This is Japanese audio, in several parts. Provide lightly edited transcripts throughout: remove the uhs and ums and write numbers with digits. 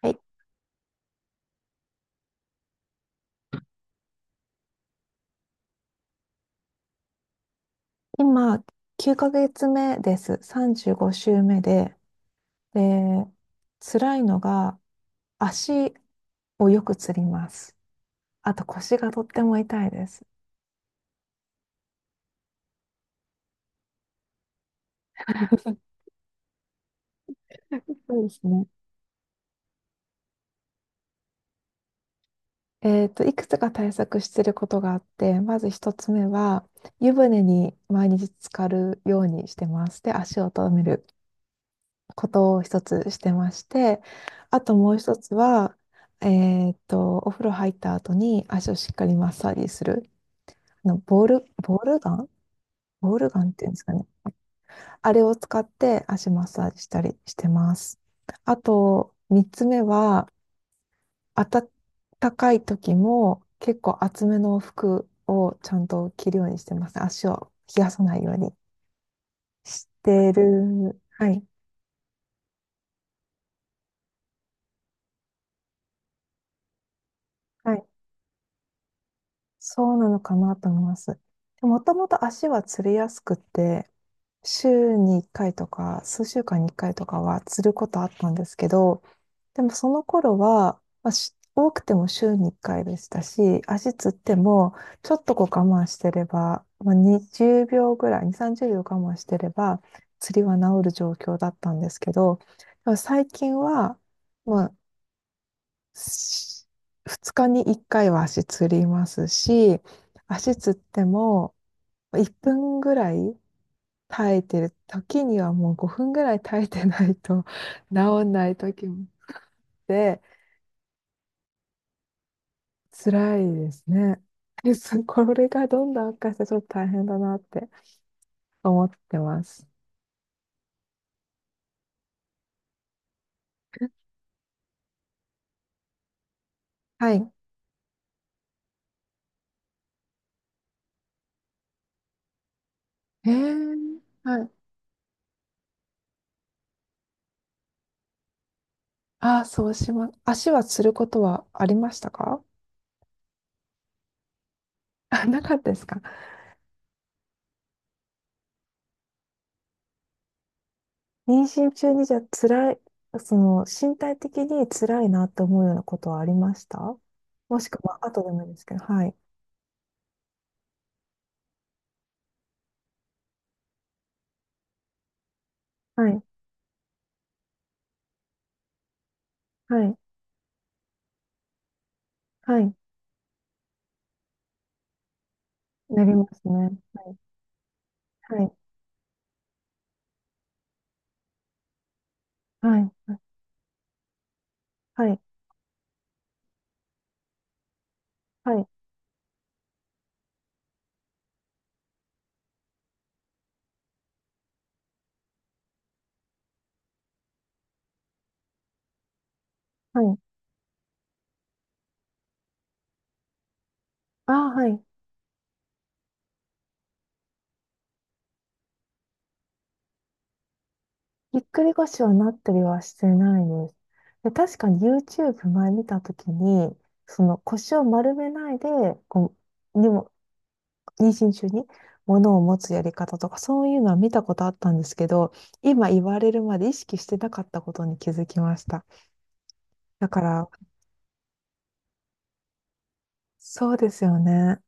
はい、今、9ヶ月目です。35週目で、辛いのが足をよくつります。あと腰がとっても痛いです。そうですね。いくつか対策してることがあって、まず一つ目は、湯船に毎日浸かるようにしてます。で、足を止めることを一つしてまして、あともう一つは、お風呂入った後に足をしっかりマッサージする。ボールガン、ボールガンっていうんですかね？あれを使って足マッサージしたりしてます。あと、三つ目は、暖かい時も結構厚めの服をちゃんと着るようにしてます。足を冷やさないようにしてる。はい。はい。そうなのかなと思います。もともと足はつりやすくて、週に1回とか、数週間に1回とかはつることあったんですけど、でもその頃は、まあ、多くても週に1回でしたし、足つっても、ちょっとこう我慢してれば、まあ、20秒ぐらい、2、30秒我慢してれば、釣りは治る状況だったんですけど、でも最近は、まあ、し2日に1回は足つりますし、足つっても、1分ぐらい耐えてる時にはもう5分ぐらい耐えてないと 治んない時もあって、辛いですね。これがどんどん悪化してちょっと大変だなって思ってます。はい。はい。ああ、そうします。足はつることはありましたか？あ、なかったですか？妊娠中にじゃあ辛い、その、身体的に辛いなって思うようなことはありましたもしくは後でもいいですけど、はい。はい。はい。はい。なりますね。はい。はい。はい。はい。はい。はい。はい。ああ、はい。ぎっくり腰はなったりはしてないです。で、確かに YouTube 前見たときに、その腰を丸めないで、こう、にも、妊娠中に物を持つやり方とか、そういうのは見たことあったんですけど、今言われるまで意識してなかったことに気づきました。だから、そうですよね。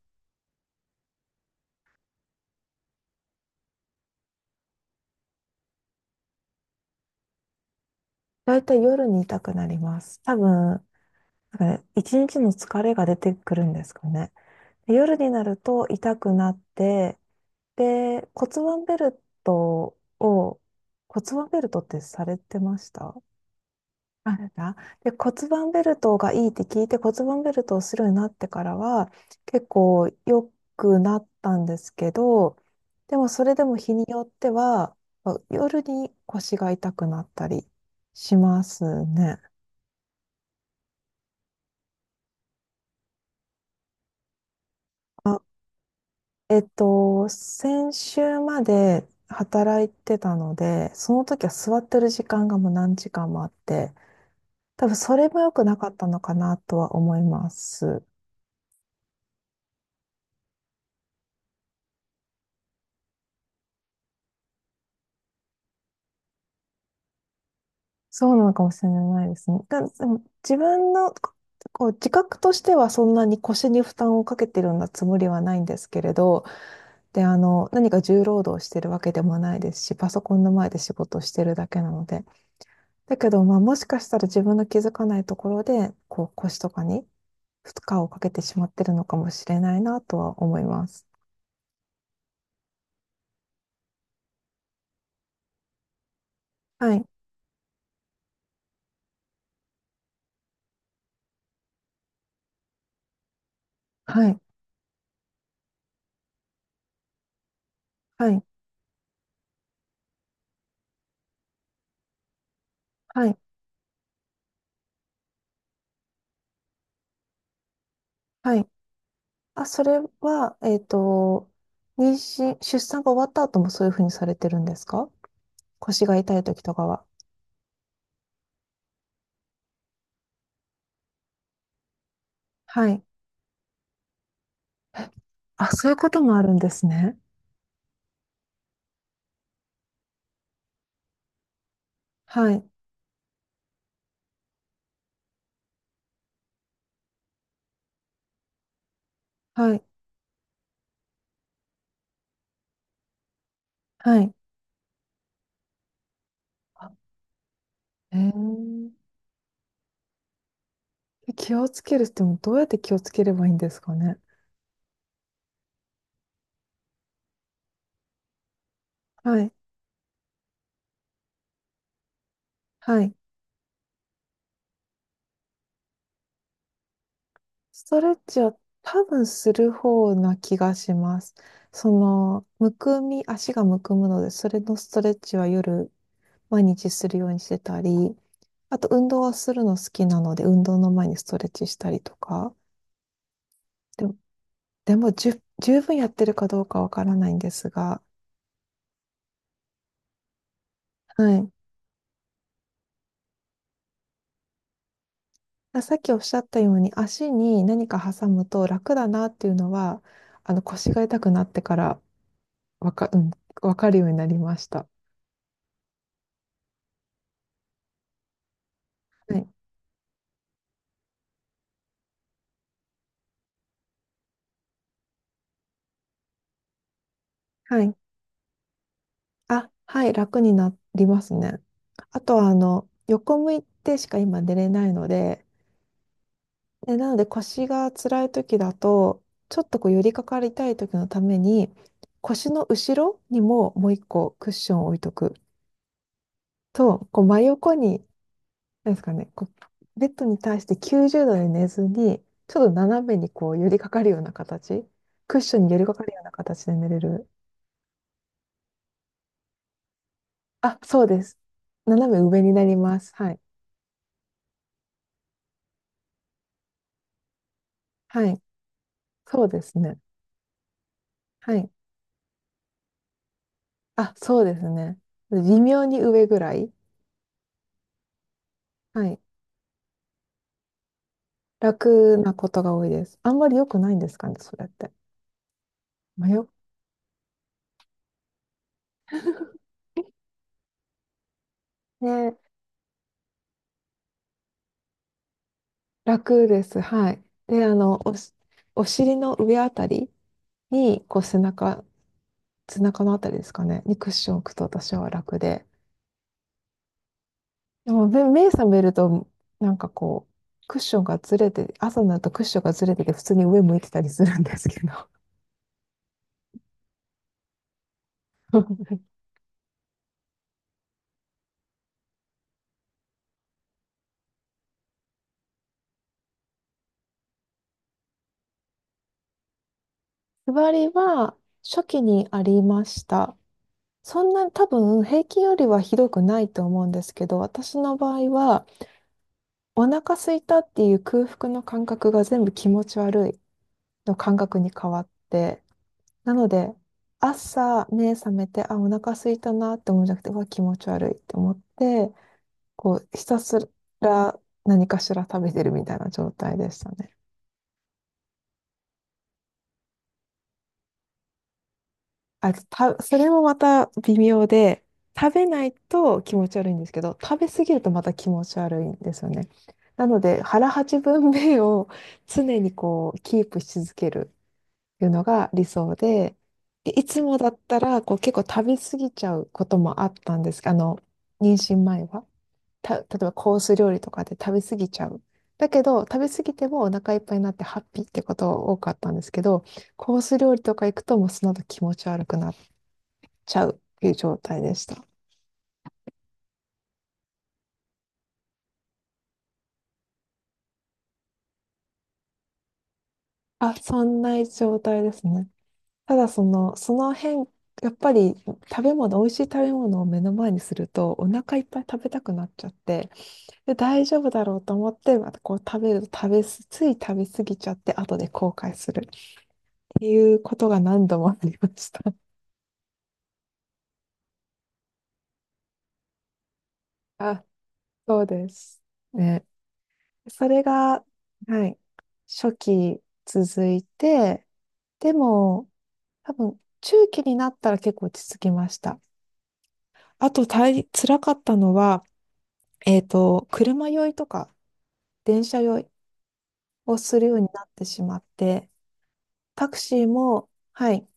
だいたい夜に痛くなります。多分、なんかね、一日の疲れが出てくるんですかね。で夜になると痛くなって、で、骨盤ベルトを、骨盤ベルトってされてました？あれだ。で、骨盤ベルトがいいって聞いて骨盤ベルトをするようになってからは結構良くなったんですけど、でもそれでも日によってはまあ夜に腰が痛くなったりしますね。あ、先週まで働いてたので、その時は座ってる時間がもう何時間もあって、多分それも良くなかったのかなとは思います。そうなのかもしれないですね。でも自分のこう自覚としてはそんなに腰に負担をかけてるようなつもりはないんですけれど、で、何か重労働してるわけでもないですし、パソコンの前で仕事をしてるだけなので。だけど、まあもしかしたら自分の気づかないところで、こう腰とかに負荷をかけてしまってるのかもしれないなとは思います。はい。はい。はい。はい。はい。あ、それは、妊娠、出産が終わった後もそういうふうにされてるんですか？腰が痛い時とかは。はい。え、あ、そういうこともあるんですね。はい。はい。はい。あ。へえー。気をつけるってもどうやって気をつければいいんですかね？はい。はい。ストレッチは多分する方な気がします。その、むくみ、足がむくむので、それのストレッチは夜、毎日するようにしてたり、あと、運動はするの好きなので、運動の前にストレッチしたりとか。でも、でも十分やってるかどうかわからないんですが、はい。あ、さっきおっしゃったように、足に何か挟むと楽だなっていうのは、腰が痛くなってからわか、うん、わかるようになりました。はい。はい。あ、はい、楽になりますね。あとは、横向いてしか今寝れないので、で、なので腰が辛い時だと、ちょっとこう寄りかかりたい時のために、腰の後ろにももう一個クッションを置いとくと、こう真横に、なんですかね、こうベッドに対して90度で寝ずに、ちょっと斜めにこう寄りかかるような形、クッションに寄りかかるような形で寝れる。あ、そうです。斜め上になります。はい。はい。そうですね。はい。あ、そうですね。微妙に上ぐらい。はい。楽なことが多いです。あんまり良くないんですかね、それって。まあ、よ、ね、楽です。はい。で、お尻の上あたりに、こう背中のあたりですかね、にクッションを置くと私は楽で。でも、目覚めると、なんかこう、クッションがずれて、朝になるとクッションがずれてて、普通に上向いてたりするんですけど。座りは初期にありました。そんな多分平均よりはひどくないと思うんですけど、私の場合はお腹空いたっていう空腹の感覚が全部気持ち悪いの感覚に変わって、なので、朝目覚めて、あ、お腹空いたなって思うんじゃなくて、うわ、気持ち悪いって思って、こう、ひたすら何かしら食べてるみたいな状態でしたね。あ、それもまた微妙で、食べないと気持ち悪いんですけど、食べ過ぎるとまた気持ち悪いんですよね。なので、腹八分目を常にこう、キープし続ける。いうのが理想で、でいつもだったらこう結構食べ過ぎちゃうこともあったんです。妊娠前は。例えばコース料理とかで食べ過ぎちゃう。だけど、食べ過ぎてもお腹いっぱいになってハッピーってことが多かったんですけど、コース料理とか行くともうその後気持ち悪くなっちゃうっていう状態でした。あ、そんな状態ですね。ただその、その辺やっぱり食べ物、美味しい食べ物を目の前にするとお腹いっぱい食べたくなっちゃって、で、大丈夫だろうと思って、またこう食べると食べす、つい食べ過ぎちゃって、後で後悔するっていうことが何度もありました。あ、そうです。ね。それが、はい、初期続いて、でも、多分、中期になったら結構落ち着きました。あと、辛かったのは、車酔いとか、電車酔いをするようになってしまって、タクシーも、はい、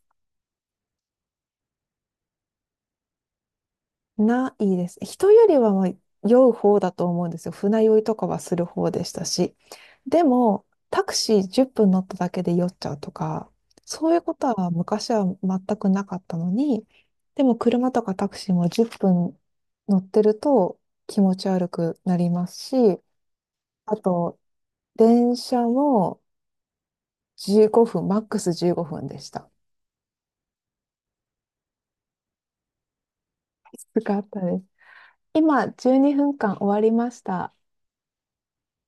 ないです。人よりはまあ酔う方だと思うんですよ。船酔いとかはする方でしたし。でも、タクシー10分乗っただけで酔っちゃうとか、そういうことは昔は全くなかったのに、でも車とかタクシーも10分乗ってると気持ち悪くなりますし、あと、電車も15分、マックス15分でした。きつかったです。今、12分間終わりました。